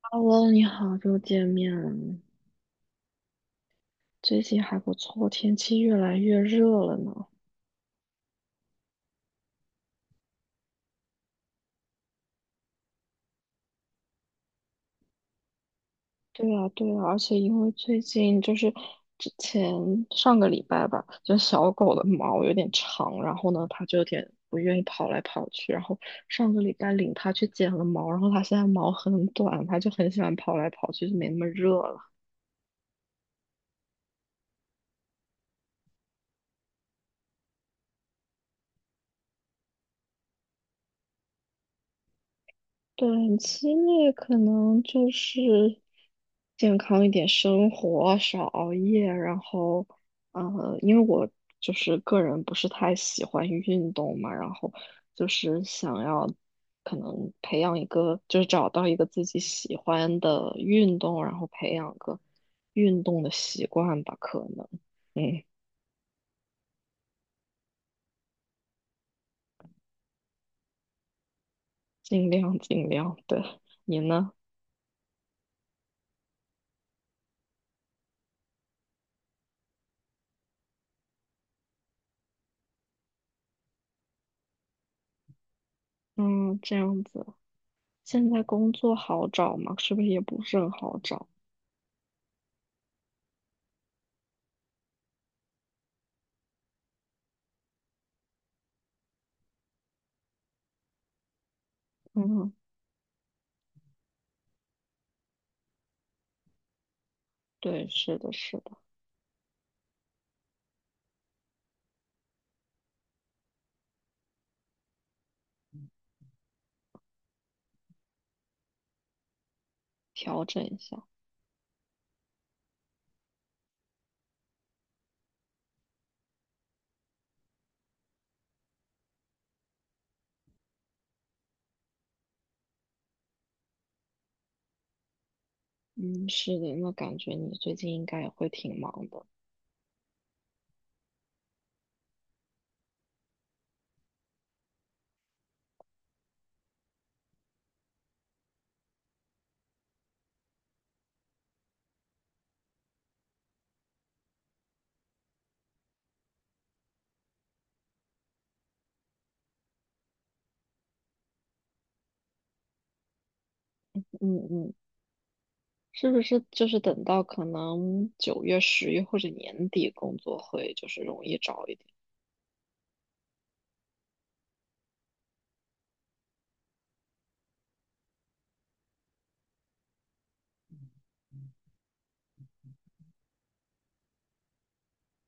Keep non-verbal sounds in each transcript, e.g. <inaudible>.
Hello，你好，又见面了。最近还不错，天气越来越热了呢。对啊，对啊，而且因为最近就是之前上个礼拜吧，就小狗的毛有点长，然后呢，它就有点不愿意跑来跑去。然后上个礼拜领它去剪了毛，然后它现在毛很短，它就很喜欢跑来跑去，就没那么热了。短期内可能就是健康一点生活，少熬夜，然后因为我就是个人不是太喜欢运动嘛，然后就是想要可能培养一个，就是找到一个自己喜欢的运动，然后培养个运动的习惯吧，可能嗯，尽量尽量，对，你呢？嗯，这样子。现在工作好找吗？是不是也不是很好找？嗯，对，是的，是的，调整一下。嗯，是的，那感觉你最近应该也会挺忙的。嗯嗯，是不是就是等到可能9月、10月或者年底工作会就是容易找一点？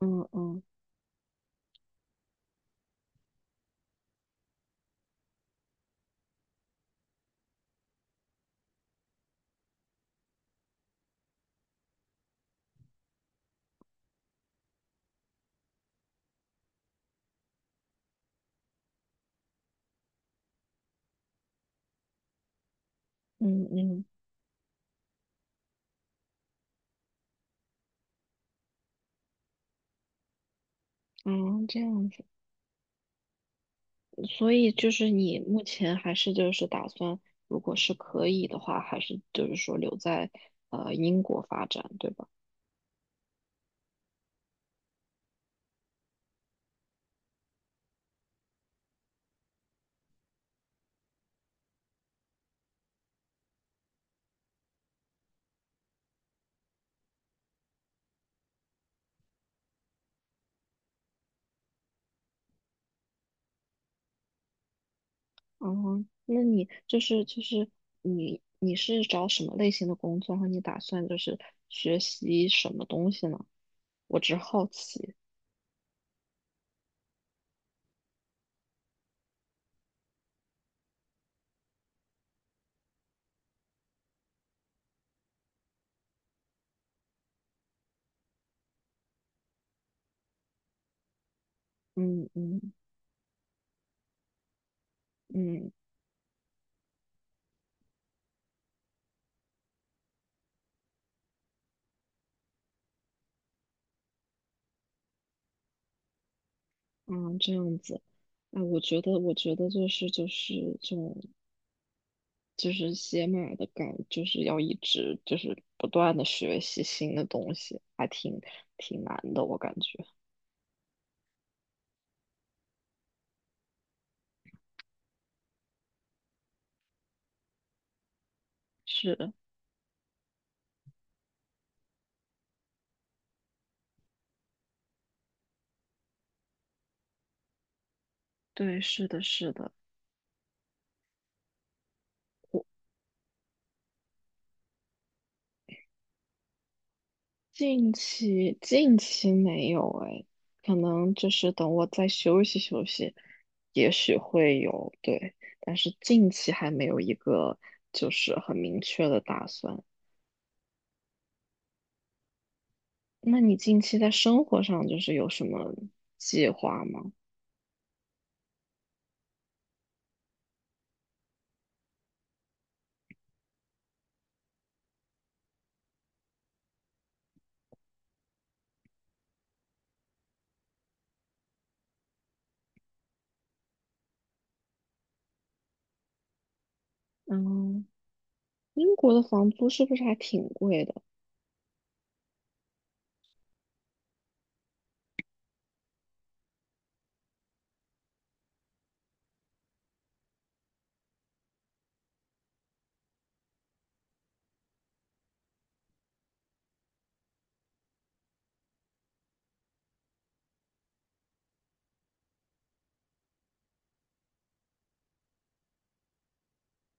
嗯嗯嗯嗯嗯，这样子。所以就是你目前还是就是打算，如果是可以的话，还是就是说留在英国发展，对吧？哦，那你就是你是找什么类型的工作？然后你打算就是学习什么东西呢？我只好奇。嗯嗯嗯嗯，这样子。哎，我觉得就是这种就是写码的感，就是要一直就是不断的学习新的东西，还挺难的，我感觉。是，的，对，是的，是的。近期没有哎，可能就是等我再休息休息，也许会有，对，但是近期还没有一个就是很明确的打算。那你近期在生活上就是有什么计划吗？嗯，英国的房租是不是还挺贵的？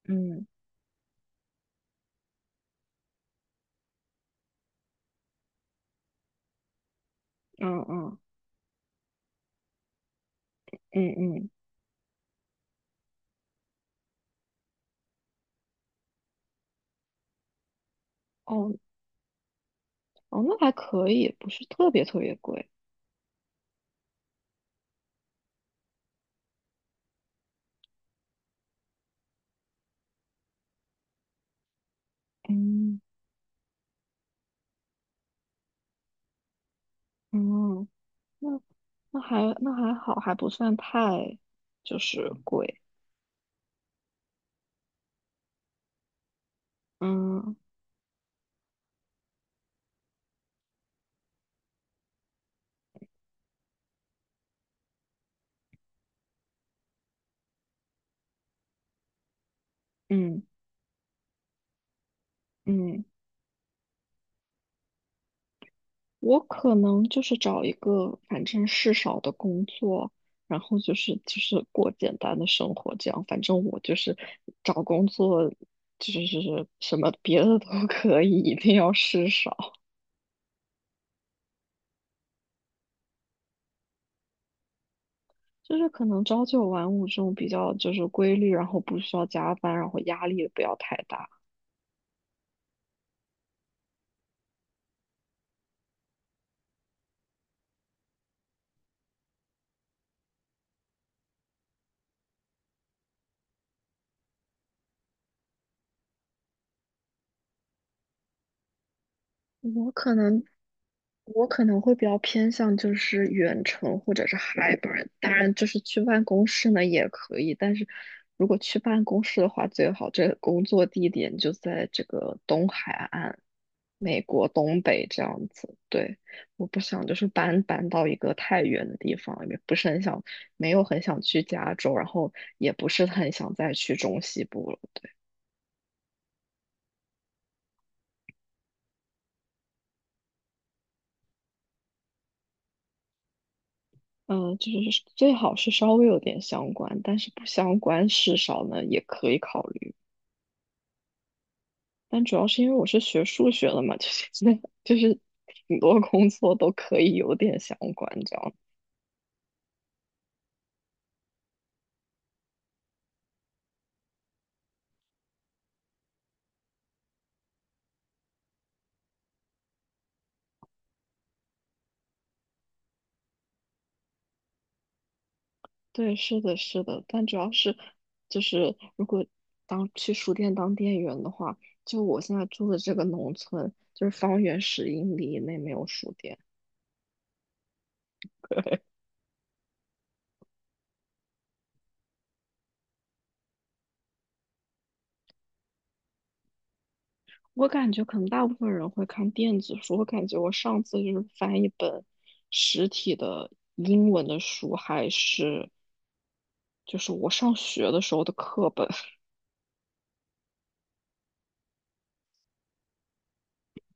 嗯嗯嗯嗯嗯，哦哦，那还可以，不是特别特别贵。嗯嗯。那。那还好，还不算太就是贵。嗯嗯嗯，我可能就是找一个反正事少的工作，然后就是过简单的生活，这样反正我就是找工作就是什么别的都 <laughs> 可以，一定要事少，就是可能朝九晚五这种比较就是规律，然后不需要加班，然后压力也不要太大。我可能我可能会比较偏向就是远程或者是 hybrid，当然就是去办公室呢也可以，但是如果去办公室的话，最好这个工作地点就在这个东海岸，美国东北这样子。对，我不想就是搬到一个太远的地方，也不是很想，没有很想去加州，然后也不是很想再去中西部了。嗯，就是最好是稍微有点相关，但是不相关事少呢也可以考虑。但主要是因为我是学数学的嘛，<laughs> 就是那就是挺多工作都可以有点相关，这样。对，是的，是的。但主要是就是如果当去书店当店员的话，就我现在住的这个农村，就是方圆10英里以内没有书店。<laughs> 我感觉可能大部分人会看电子书，我感觉我上次就是翻一本实体的英文的书，还是就是我上学的时候的课本。<laughs>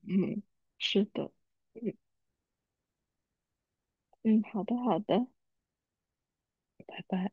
嗯，是的，嗯嗯，好的好的，拜拜。